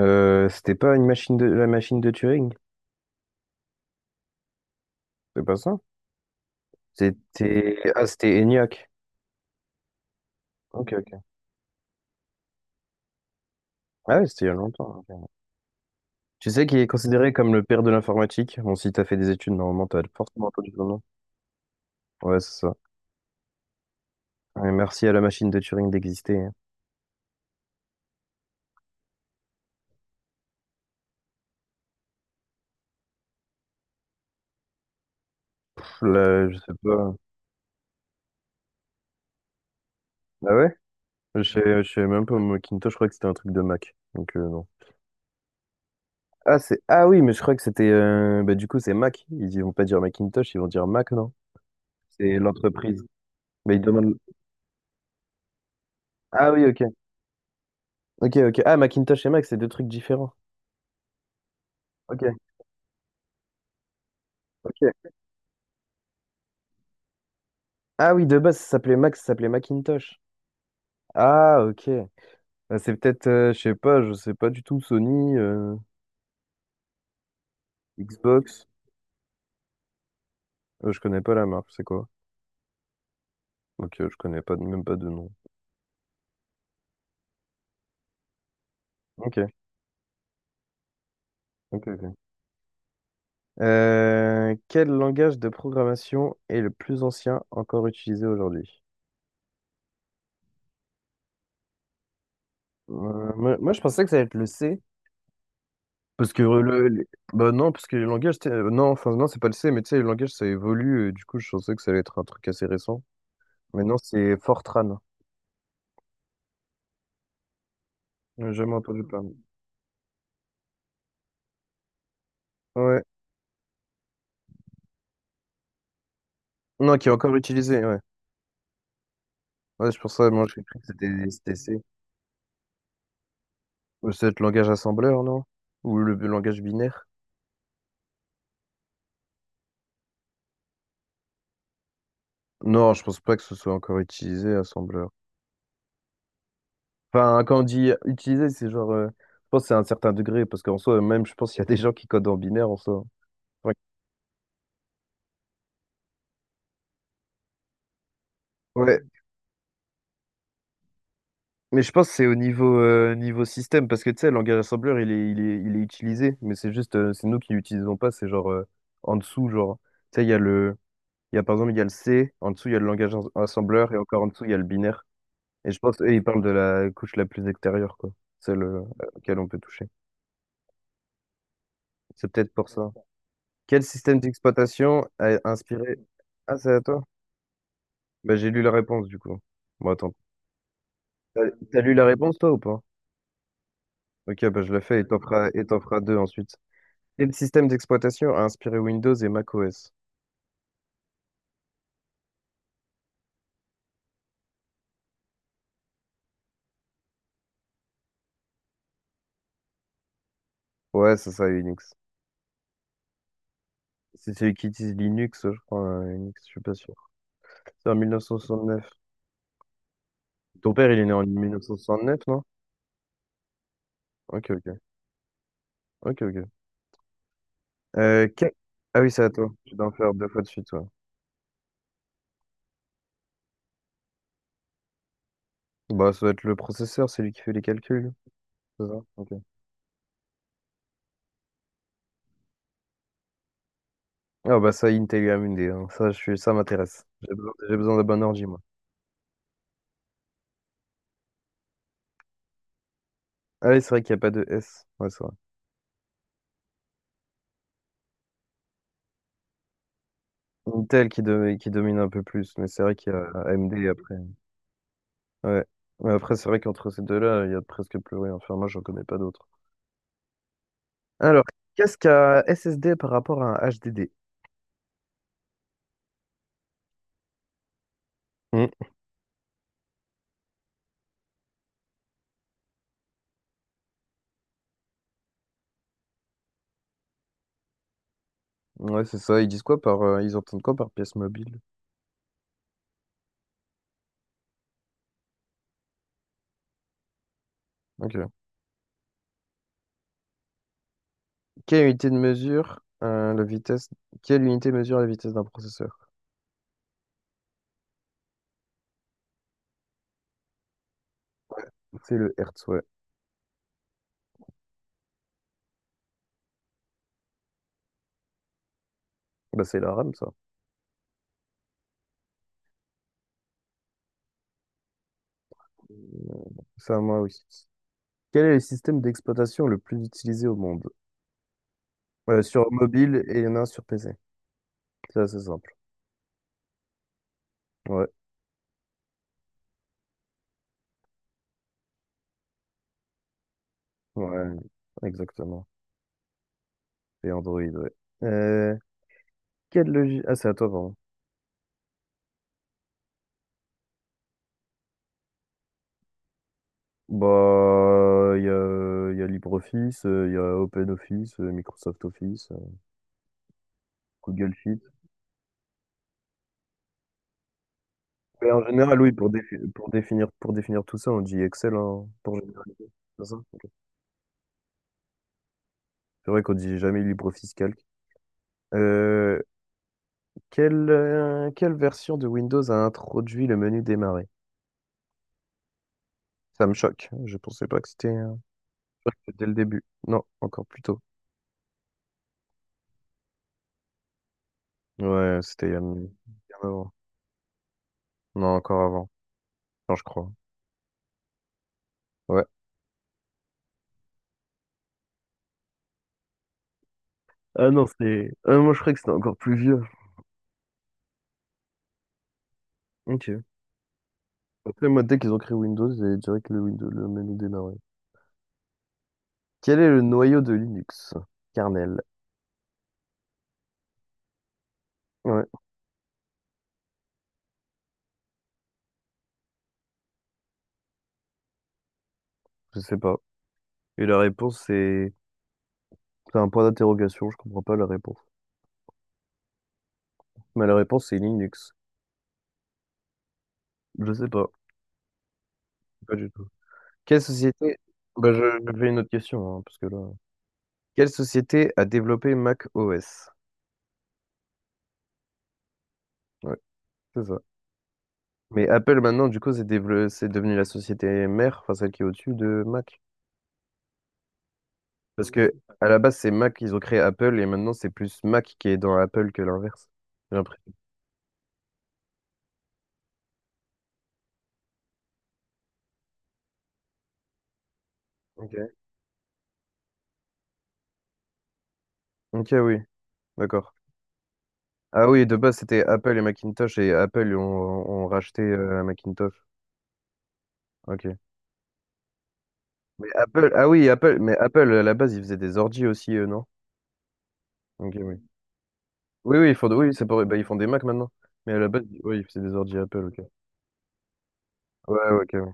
C'était pas une machine de la machine de Turing? C'est pas ça? C'était ENIAC. Ok, ok. Ah ouais, c'était il y a longtemps. Ok. Tu sais qu'il est considéré comme le père de l'informatique. Bon, si t'as fait des études, normalement t'as forcément entendu son nom. Ouais, c'est ça. Ouais, merci à la machine de Turing d'exister, hein. Pff, là, je sais pas. Ah ouais? Je sais même pas, moi, Macintosh, je crois que c'était un truc de Mac. Donc non. Ah c'est ah oui, mais je crois que c'était bah du coup c'est Mac. Ils vont pas dire Macintosh, ils vont dire Mac, non? C'est l'entreprise. Mais ils demandent. Ah oui, ok. Ok, ok. Ah, Macintosh et Mac, c'est deux trucs différents. Ok, ok. Ah oui, de base, ça s'appelait Mac, ça s'appelait Macintosh. Ah, ok. Ah, c'est peut-être, je sais pas du tout, Sony, Xbox. Je connais pas la marque, c'est quoi? Ok, je connais pas, même pas de nom. Ok, ok, ok. Quel langage de programmation est le plus ancien encore utilisé aujourd'hui? Moi, moi, je pensais que ça allait être le C. Parce que le- Bah non, parce que le langage, t'sais, non, enfin non, c'est pas le C, mais tu sais, le langage ça évolue, et du coup je pensais que ça allait être un truc assez récent. Mais non, c'est Fortran. J'ai jamais entendu parler. Ouais. Non, qui est encore utilisé, ouais. Ouais, c'est pour ça, moi j'ai cru que c'était C. Ou c'est le langage assembleur, non? Ou le langage binaire? Non, je pense pas que ce soit encore utilisé, assembleur. Enfin, quand on dit utiliser c'est genre, je pense que c'est à un certain degré, parce qu'en soi, même je pense qu'il y a des gens qui codent en binaire en soi. Ouais. Ouais. Mais je pense que c'est au niveau, niveau système, parce que tu sais, le langage assembleur, il est utilisé, mais c'est juste, c'est nous qui l'utilisons pas, c'est genre en dessous, genre, tu sais, il y a par exemple, il y a le C, en dessous, il y a le langage assembleur, et encore en dessous, il y a le binaire. Et je pense eux, ils parlent de la couche la plus extérieure, quoi, celle à laquelle on peut toucher. C'est peut-être pour ça. Quel système d'exploitation a inspiré... Ah, c'est à toi? Bah, j'ai lu la réponse, du coup. Bon, attends. T'as t'as lu la réponse, toi, ou pas? Ok, bah, je la fais et t'en feras deux ensuite. Quel système d'exploitation a inspiré Windows et macOS? Ouais, c'est ça, Unix. C'est celui qui utilise Linux, je crois, Unix, je suis pas sûr. C'est en 1969. Ton père, il est né en 1969, non? Ok, ok, ok, ok. Euh, que- Ah oui, c'est à toi. Tu dois en faire deux fois de suite, ouais. Bah, ça doit être le processeur, c'est lui qui fait les calculs. C'est ça? Ok. Ah bah ça, Intel et AMD, hein. Ça, ça m'intéresse. J'ai besoin d'un bon ordi, moi. Ah oui, c'est vrai qu'il n'y a pas de S. Ouais, c'est vrai. Intel qui domine un peu plus, mais c'est vrai qu'il y a AMD après. Ouais. Mais après, c'est vrai qu'entre ces deux-là, il y a presque plus rien. Enfin, moi, j'en connais pas d'autres. Alors, qu'est-ce qu'un SSD par rapport à un HDD? Hmm. Ouais, c'est ça. Ils entendent quoi par pièce mobile? Ok. Quelle unité de mesure, euh, la vitesse, Quelle unité mesure la vitesse d'un processeur? C'est le Hertz, ouais. Bah, c'est la RAM, ça. Ça, moi aussi. Quel est le système d'exploitation le plus utilisé au monde? Sur mobile et il y en a un sur PC. C'est assez simple. Ouais, ouais, exactement. Et Android, ouais. Euh, Quelle logique? Ah, c'est à toi, pardon. Bah, il y a LibreOffice, il y a OpenOffice, Microsoft Office, Google Sheet. Mais en général, oui, pour définir tout ça, on dit Excel, hein, pour généraliser. C'est ça? Ok. C'est vrai qu'on dit jamais LibreOffice Calc. Euh, quelle version de Windows a introduit le menu démarrer? Ça me choque. Je pensais pas que c'était je crois que c'était dès le début. Non, encore plus tôt. Ouais, c'était il y a bien avant. Non, encore avant. Non, je crois. Ouais. Ah non, c'est. Ah, moi, je croyais que c'était encore plus vieux. Ok. Après, moi, dès qu'ils ont créé Windows, j'ai direct le Windows, le menu démarré. Quel est le noyau de Linux? Kernel. Ouais, je sais pas. Et la réponse, c'est. C'est un point d'interrogation, je comprends pas la réponse. Mais la réponse, c'est Linux. Je sais pas, pas du tout. Quelle société. Bah, je fais une autre question, hein, parce que là. Quelle société a développé Mac OS? Ouais, c'est ça. Mais Apple, maintenant, du coup, c'est devenu la société mère, enfin celle qui est au-dessus de Mac. Parce que à la base, c'est Mac, ils ont créé Apple et maintenant, c'est plus Mac qui est dans Apple que l'inverse. J'ai l'impression. Ok. Ok, oui, d'accord. Ah oui, de base, c'était Apple et Macintosh et Apple ont racheté Macintosh. Ok. Mais Apple, ah oui, Apple, mais Apple, à la base, ils faisaient des ordi aussi, eux, non? Ok, oui. Oui, oui, ils font, oui, c'est pour, bah, ils font des Mac maintenant. Mais à la base, oui, ils faisaient des ordi Apple, ok. Ouais, ouais, ok, oui.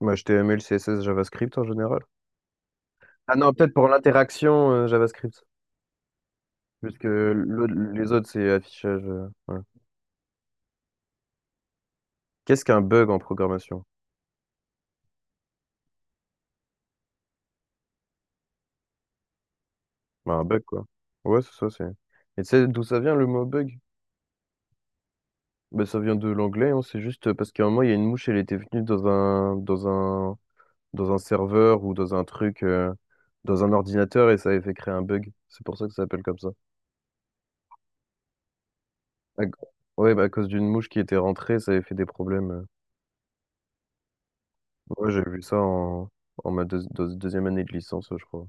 Bah, HTML, CSS, JavaScript en général. Ah non, peut-être pour l'interaction JavaScript. Plus que les autres, c'est affichage. Ouais. Qu'est-ce qu'un bug en programmation? Bah, un bug, quoi. Ouais, c'est ça, c'est. Et tu sais d'où ça vient le mot bug? Bah, ça vient de l'anglais, hein, c'est juste parce qu'à un moment, il y a une mouche, elle était venue dans un, serveur ou dans un truc, dans un ordinateur et ça avait fait créer un bug. C'est pour ça que ça s'appelle comme ça. À- Ouais, bah, à cause d'une mouche qui était rentrée, ça avait fait des problèmes. Ouais, j'ai vu ça en ma deuxième année de licence, je crois.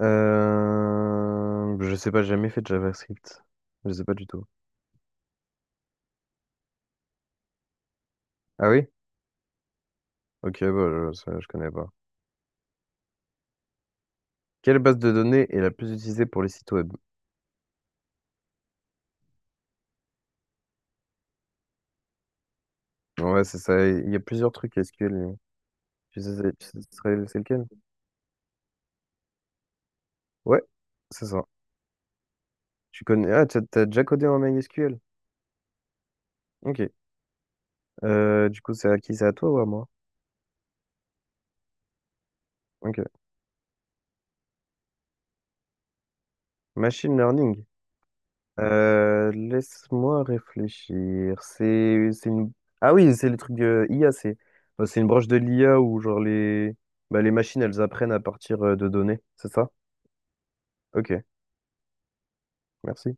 Je sais pas, j'ai jamais fait de JavaScript. Je sais pas du tout. Ah oui? Ok, bah, ça, je connais pas. Quelle base de données est la plus utilisée pour les sites web? Ouais, c'est ça. Il y a plusieurs trucs SQL. Tu sais, c'est tu sais ce serait- c'est lequel? Ouais, c'est ça. Tu connais. Ah, t'as déjà codé en MySQL? Ok. Du coup, c'est à qui? C'est à toi ou à moi? Ok. Machine learning. Laisse-moi réfléchir. C'est une. Ah oui, c'est le truc de IA. Bah, c'est une branche de l'IA où genre bah, les machines elles apprennent à partir de données. C'est ça? Ok. Merci.